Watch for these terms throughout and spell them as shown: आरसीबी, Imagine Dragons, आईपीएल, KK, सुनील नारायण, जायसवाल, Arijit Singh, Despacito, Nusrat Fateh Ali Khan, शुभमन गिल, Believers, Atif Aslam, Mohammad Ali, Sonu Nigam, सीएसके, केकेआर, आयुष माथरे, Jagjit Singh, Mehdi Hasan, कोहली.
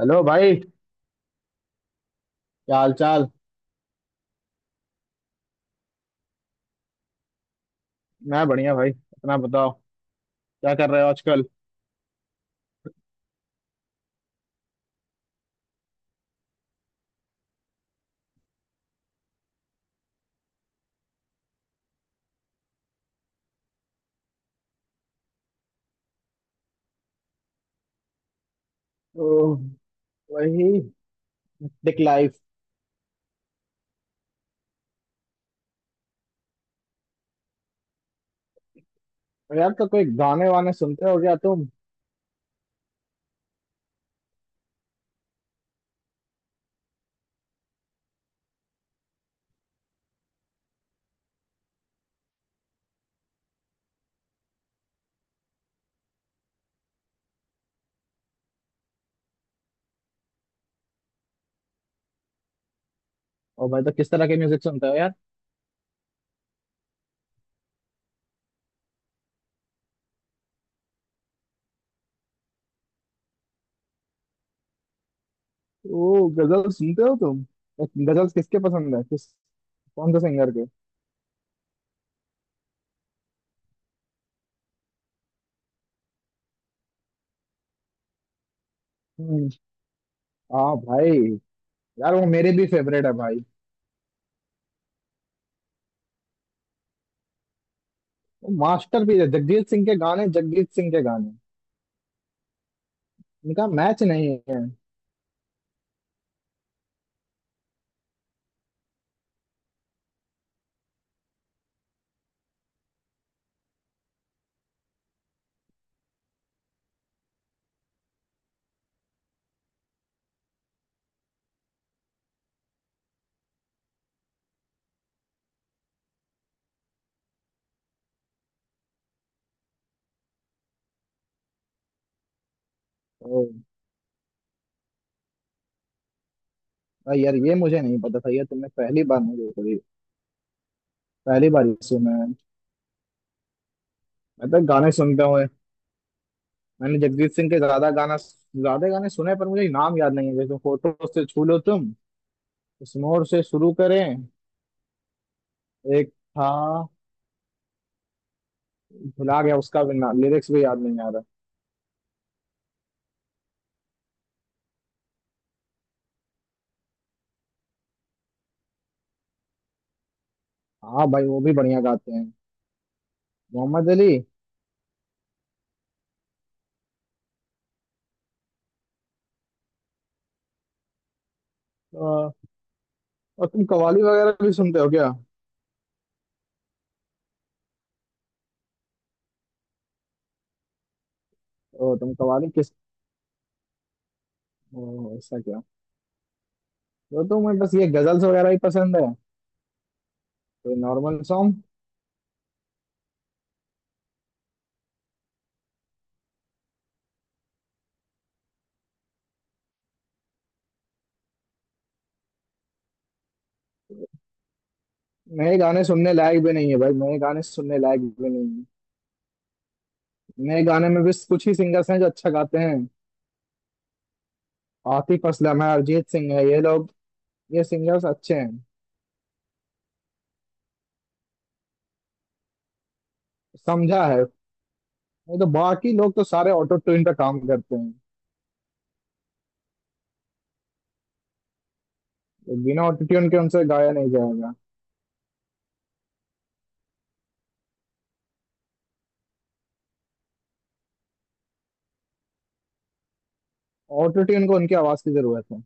Hello भाई। क्या हाल चाल। मैं बढ़िया भाई, अपना बताओ। क्या कर रहे हो आजकल। ओ, वही दिख लाइफ। यार तो कोई गाने वाने सुनते हो क्या तुम। ओ भाई, तो किस तरह के म्यूजिक सुनते हो यार। ओ गजल सुनते हो तुम तो। गजल किसके पसंद है, किस कौन से सिंगर के। हम्म। हाँ भाई, यार वो मेरे भी फेवरेट है भाई। वो मास्टर भी है, जगजीत सिंह के गाने, जगजीत सिंह के गाने इनका मैच नहीं है। ओ भाई, यार ये मुझे नहीं पता था, ये तुमने पहली बार मुझे पड़ी। पहली बार ही सुना। मैं तो गाने सुनता हूँ। मैंने जगजीत सिंह के ज्यादा गाने सुने हैं, पर मुझे नाम याद नहीं है। जैसे फोटो से छू लो तुम, इस मोड़ से शुरू करें, एक था। भुला गया, उसका भी ना लिरिक्स भी याद नहीं आ रहा। हाँ भाई, वो भी बढ़िया गाते हैं। मोहम्मद अली। और तुम कवाली वगैरह भी सुनते हो क्या। ओ तुम कवाली किस। ओ, ऐसा क्या। तो तुम्हें बस ये गजल्स वगैरह ही पसंद है। तो नॉर्मल सॉन्ग। नए गाने सुनने लायक भी नहीं है भाई, नए गाने सुनने लायक भी नहीं है। नए गाने में भी कुछ ही सिंगर्स हैं जो अच्छा गाते हैं। आतिफ असलम है, अरिजीत सिंह है, ये लोग, ये सिंगर्स अच्छे हैं। समझा है। नहीं तो बाकी लोग तो सारे ऑटो ट्यून पे काम करते हैं। तो बिना ऑटो ट्यून के उनसे गाया नहीं जाएगा। ऑटो ट्यून को उनकी आवाज की जरूरत है।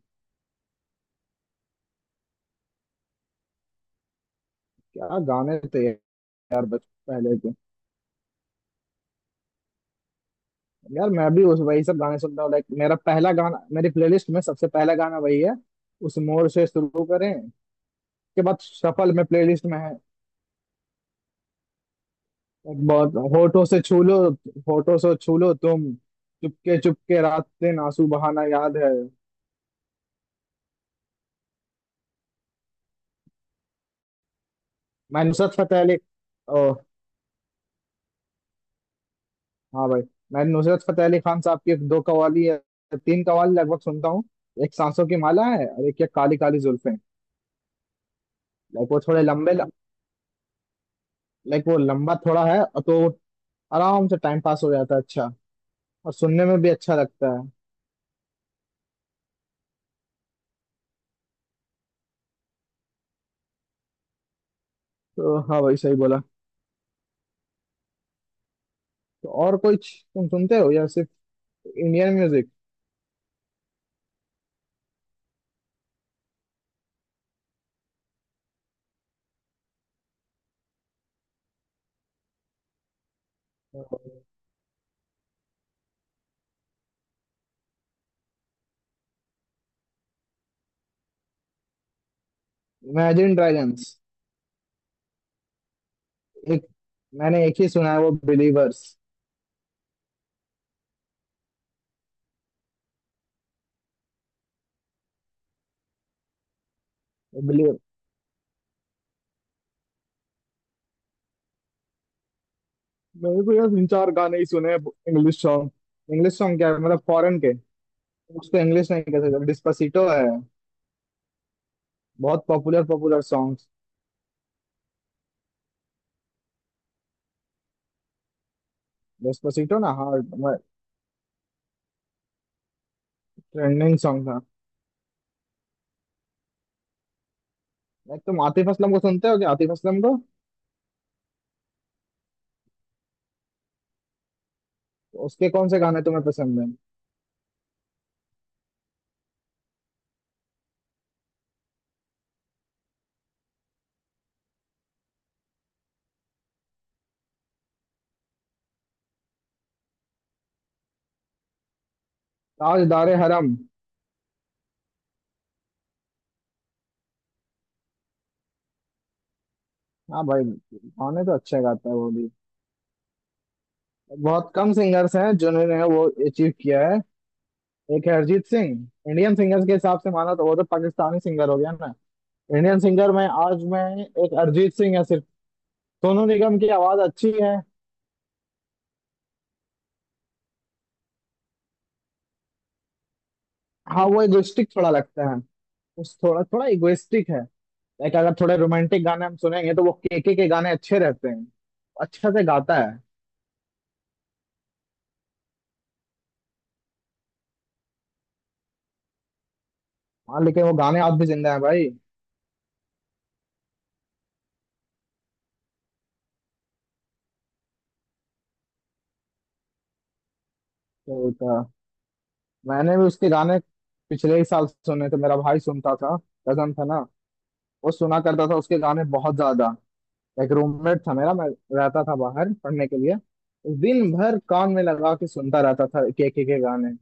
क्या गाने थे। यार बच, पहले के, यार मैं भी उस वही सब गाने सुनता हूँ। लाइक मेरा पहला गाना, मेरी प्लेलिस्ट में सबसे पहला गाना वही है, उस मोर से शुरू करें, के बाद सफल में प्लेलिस्ट में है। एक बहुत, होठों से छू लो, होठों से छू लो तुम, चुपके चुपके रात दिन आंसू बहाना याद है। मैं नुसरत फतेह अली। ओ। हाँ भाई, मैं नुसरत फतेह अली खान साहब की दो कवाली या तीन कवाली लगभग सुनता हूँ। एक सांसों की माला है और एक ये काली काली जुल्फें। लाइक वो थोड़े लंबे, लाइक वो लंबा थोड़ा है और तो आराम से टाइम पास हो जाता है अच्छा, और सुनने में भी अच्छा लगता है। तो हाँ भाई सही बोला। तो और कोई तुम सुनते हो या सिर्फ इंडियन म्यूजिक। Imagine Dragons. एक, मैंने एक ही सुना है वो बिलीवर्स। मेरे को यार तीन चार गाने ही सुने इंग्लिश सॉन्ग। इंग्लिश सॉन्ग क्या है, मतलब फॉरेन के, उसको इंग्लिश नहीं कह सकते। डिस्पासिटो है, बहुत पॉपुलर पॉपुलर सॉन्ग्स। डिस्पासिटो ना, हाँ, ट्रेंडिंग सॉन्ग था। एक तुम आतिफ असलम को सुनते हो क्या, आतिफ असलम को। तो उसके कौन से गाने तुम्हें पसंद है। ताजदार हरम। हाँ भाई, गाने तो अच्छे गाता है वो भी। बहुत कम सिंगर्स हैं जिन्होंने वो अचीव किया है। एक है अरिजीत सिंह। इंडियन सिंगर्स के हिसाब से माना, तो वो तो पाकिस्तानी सिंगर हो गया ना। इंडियन सिंगर में आज मैं, एक अरिजीत सिंह है सिर्फ। सोनू निगम की आवाज अच्छी है। हाँ वो इगोइस्टिक थोड़ा लगता है। उस थोड़ा थोड़ा इगोइस्टिक है। लाइक अगर थोड़े रोमांटिक गाने हम सुनेंगे तो वो केके के गाने अच्छे रहते हैं। अच्छा से गाता है। हाँ लेकिन वो गाने आज भी जिंदा है भाई। तो मैंने भी उसके गाने पिछले ही साल सुने थे। मेरा भाई सुनता था, कजन था ना, वो सुना करता था उसके गाने बहुत ज्यादा। एक रूममेट था मेरा, मैं रहता था बाहर पढ़ने के लिए, दिन भर कान में लगा के सुनता रहता था के गाने।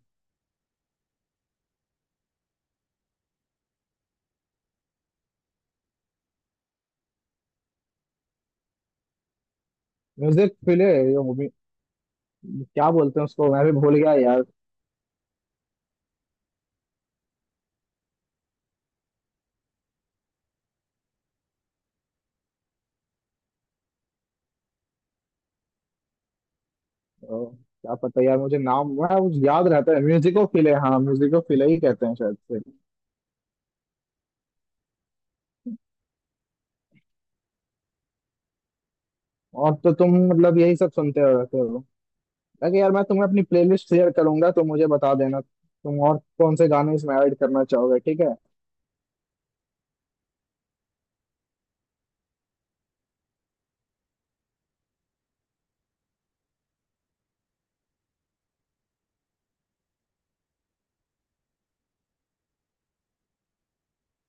म्यूजिक, क्या बोलते हैं उसको, मैं भी भूल गया यार। क्या पता यार, मुझे नाम, मैं वो याद रहता है, म्यूजिको फिले, हाँ म्यूजिको फिले ही कहते हैं शायद से। और तो तुम मतलब यही सब सुनते हो रहते हो। ताकि यार मैं तुम्हें अपनी प्लेलिस्ट शेयर करूंगा तो मुझे बता देना तुम और कौन से गाने इसमें ऐड करना चाहोगे, ठीक है।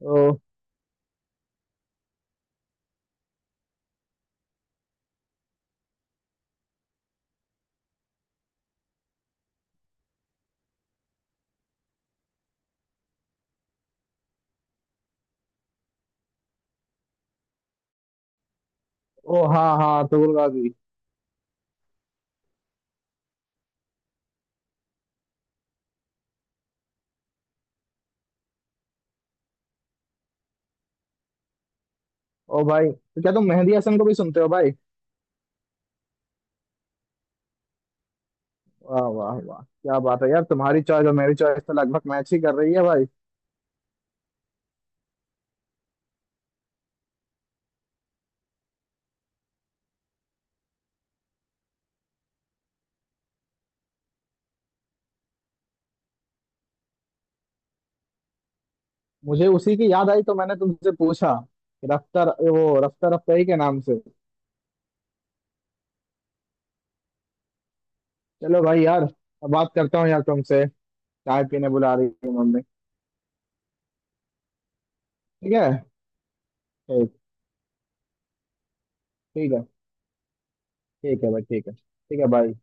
ओ। ओ हाँ हाँ, तुगुल गाजी। ओ भाई, तो क्या तुम मेहंदी हसन को भी सुनते हो भाई। वाह वाह वाह, क्या बात है यार, तुम्हारी चॉइस और मेरी चॉइस तो लगभग मैच ही कर रही है भाई। मुझे उसी की याद आई तो मैंने तुमसे पूछा कि रफ्तार, वो रफ्तार अफजाई के नाम से। चलो भाई, यार अब बात करता हूँ यार तुमसे, चाय पीने बुला रही है मम्मी। ठीक है। ठीक। ठीक है। ठीक है भाई, ठीक है, ठीक है भाई।